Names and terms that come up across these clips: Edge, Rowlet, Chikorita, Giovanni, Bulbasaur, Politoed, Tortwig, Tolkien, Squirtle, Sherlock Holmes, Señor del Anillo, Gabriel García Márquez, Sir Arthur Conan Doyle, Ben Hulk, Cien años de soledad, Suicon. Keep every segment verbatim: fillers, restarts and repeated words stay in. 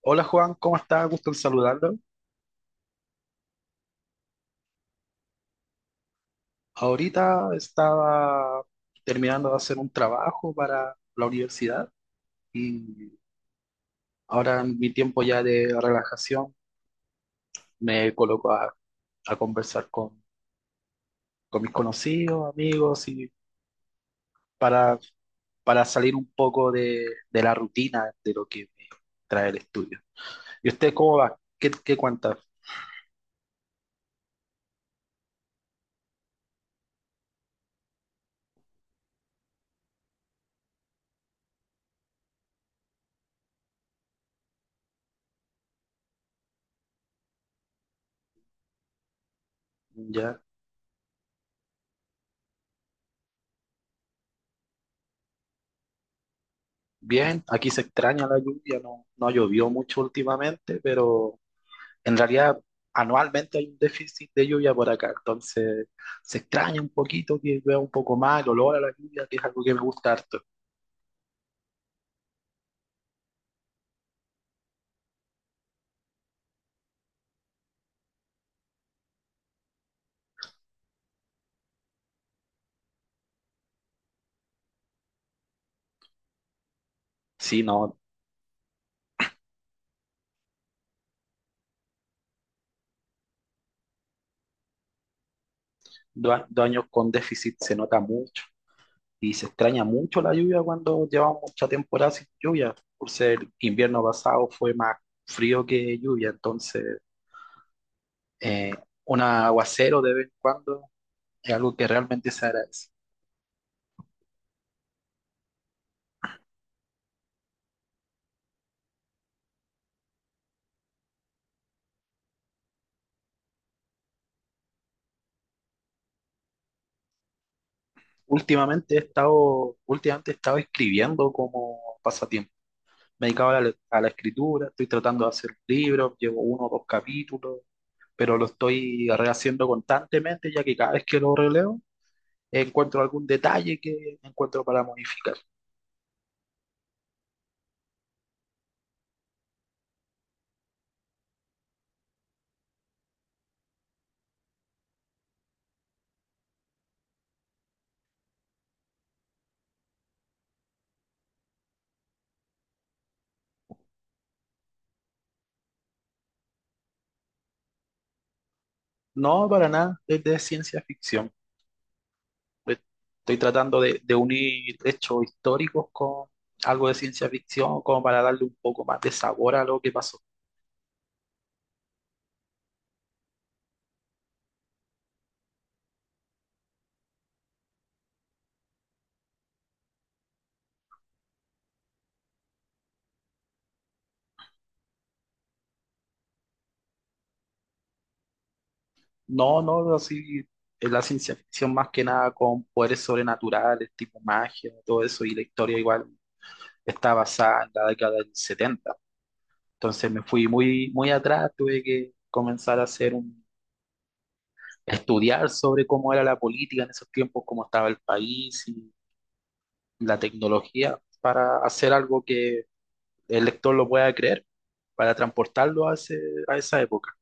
Hola Juan, ¿cómo estás? Gusto en saludarlo. Ahorita estaba terminando de hacer un trabajo para la universidad y ahora en mi tiempo ya de relajación me coloco a, a conversar con, con mis conocidos, amigos y para, para salir un poco de, de la rutina de lo que me trae el estudio. ¿Y usted cómo va? ¿Qué, qué cuenta? ¿Ya? Bien, aquí se extraña la lluvia, no, no llovió mucho últimamente, pero… En realidad, anualmente hay un déficit de lluvia por acá, entonces se extraña un poquito que llueva un poco más, el olor a la lluvia, que es algo que me gusta harto. Sí, no, dos, a- dos años con déficit se nota mucho y se extraña mucho la lluvia cuando llevamos mucha temporada sin lluvia, por ser invierno pasado fue más frío que lluvia, entonces eh, un aguacero de vez en cuando es algo que realmente se agradece. Últimamente he estado, últimamente he estado escribiendo como pasatiempo. Me he dedicado a la, a la escritura, estoy tratando de hacer un libro, llevo uno o dos capítulos, pero lo estoy rehaciendo constantemente, ya que cada vez que lo releo encuentro algún detalle que encuentro para modificar. No, para nada, es de ciencia ficción. Estoy tratando de, de unir hechos históricos con algo de ciencia ficción, como para darle un poco más de sabor a lo que pasó. No, no, así es la ciencia ficción más que nada con poderes sobrenaturales, tipo magia, todo eso, y la historia igual está basada en la década del setenta. Entonces me fui muy, muy atrás, tuve que comenzar a hacer un, estudiar sobre cómo era la política en esos tiempos, cómo estaba el país y la tecnología para hacer algo que el lector lo pueda creer, para transportarlo a ese, a esa época.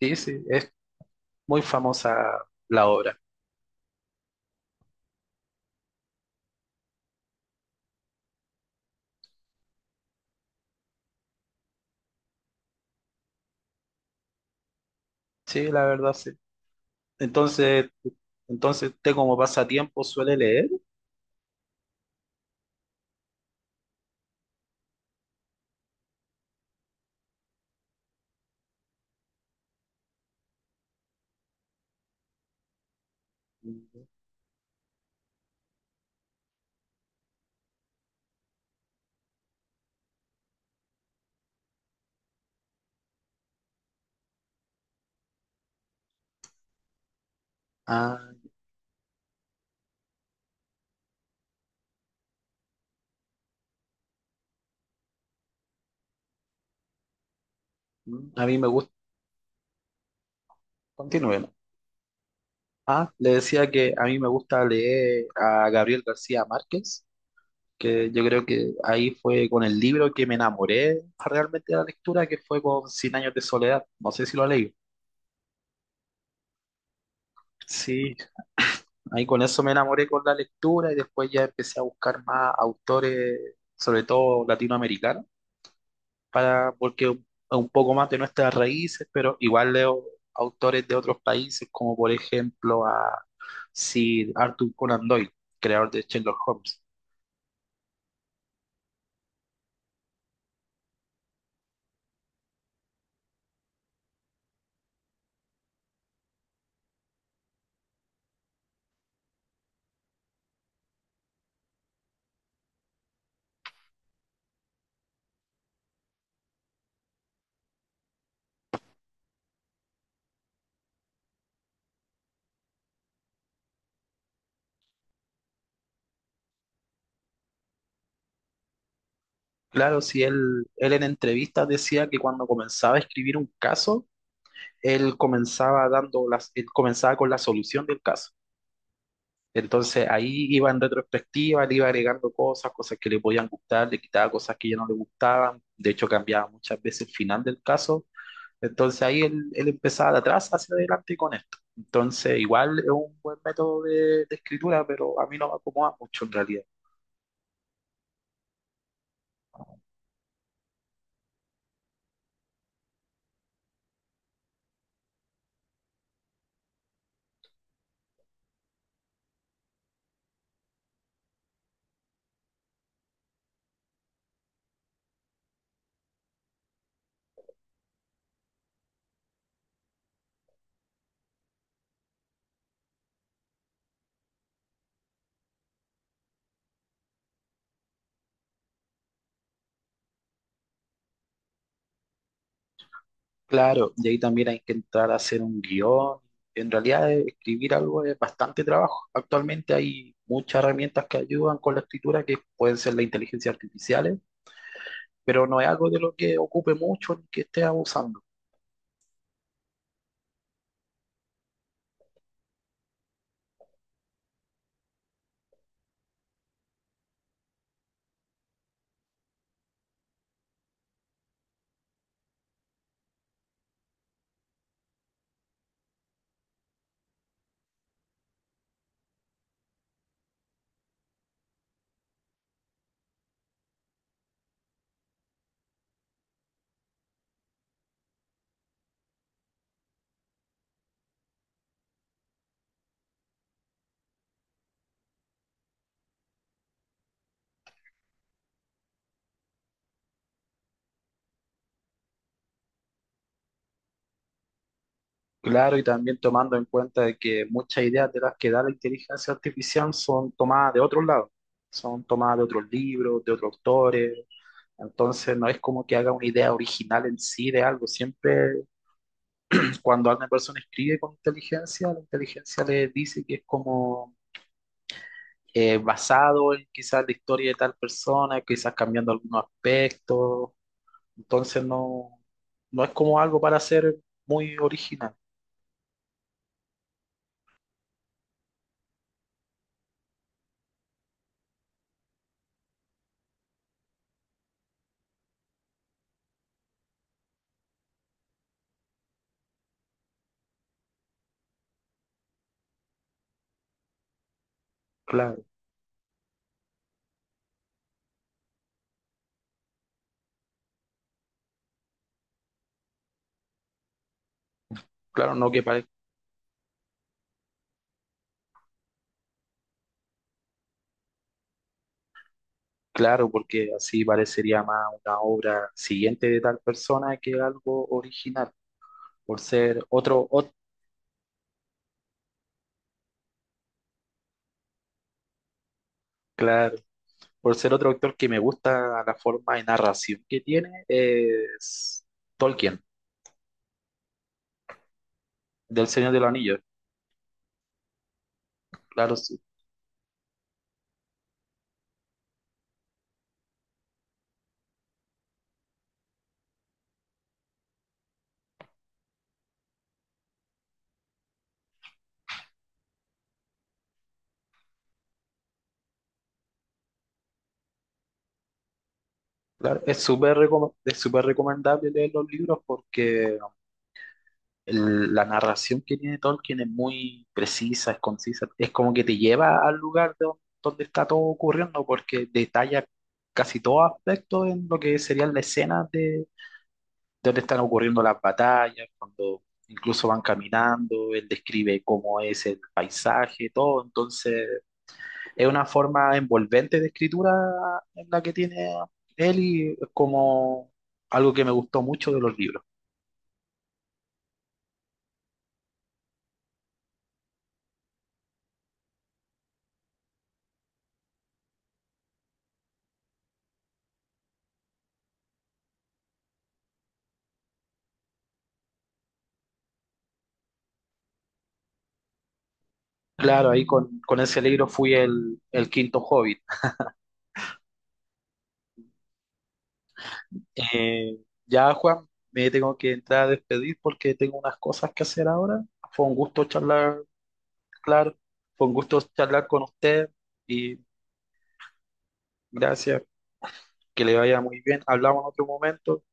Sí, sí, es muy famosa la obra. Sí, la verdad, sí. Entonces, entonces usted como pasatiempo suele leer. Ah, mm, a mí me gusta. Continúe. ¿No? Ah, le decía que a mí me gusta leer a Gabriel García Márquez, que yo creo que ahí fue con el libro que me enamoré realmente de la lectura, que fue con Cien años de soledad. No sé si lo leí. Sí, ahí con eso me enamoré con la lectura y después ya empecé a buscar más autores, sobre todo latinoamericanos, para, porque un, un poco más de nuestras raíces, pero igual leo autores de otros países, como por ejemplo a Sir Arthur Conan Doyle, creador de Sherlock Holmes. Claro, si él, él en entrevistas decía que cuando comenzaba a escribir un caso, él comenzaba dando las, él comenzaba con la solución del caso. Entonces ahí iba en retrospectiva, le iba agregando cosas, cosas que le podían gustar, le quitaba cosas que ya no le gustaban. De hecho, cambiaba muchas veces el final del caso. Entonces ahí él, él empezaba de atrás hacia adelante con esto. Entonces, igual es un buen método de, de escritura, pero a mí no me acomoda mucho en realidad. Claro, y ahí también hay que entrar a hacer un guión. En realidad, eh, escribir algo es bastante trabajo. Actualmente hay muchas herramientas que ayudan con la escritura, que pueden ser la inteligencia artificial, pero no es algo de lo que ocupe mucho ni que esté abusando. Claro, y también tomando en cuenta de que muchas ideas de las que da la inteligencia artificial son tomadas de otros lados, son tomadas de otros libros, de otros autores. Entonces, no es como que haga una idea original en sí de algo, siempre. Cuando una persona escribe con inteligencia, la inteligencia le dice que es como eh, basado en quizás la historia de tal persona, quizás cambiando algunos aspectos. Entonces no, no es como algo para ser muy original. Claro, claro, no que pare- claro, porque así parecería más una obra siguiente de tal persona que algo original. Por ser otro, ot- claro, por ser otro autor que me gusta la forma de narración que tiene, es Tolkien. Del Señor del Anillo. Claro, sí. Claro, es súper reco- es súper recomendable leer los libros porque el- la narración que tiene Tolkien es muy precisa, es concisa, es como que te lleva al lugar de don- donde está todo ocurriendo porque detalla casi todo aspecto en lo que serían las escenas de donde están ocurriendo las batallas, cuando incluso van caminando, él describe cómo es el paisaje, todo, entonces es una forma envolvente de escritura en la que tiene él y es como algo que me gustó mucho de los libros. Claro, ahí con, con ese libro fui el, el quinto hobbit. Eh, ya, Juan, me tengo que entrar a despedir porque tengo unas cosas que hacer ahora. Fue un gusto charlar, claro, fue un gusto charlar con usted y gracias, que le vaya muy bien. Hablamos en otro momento.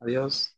Adiós.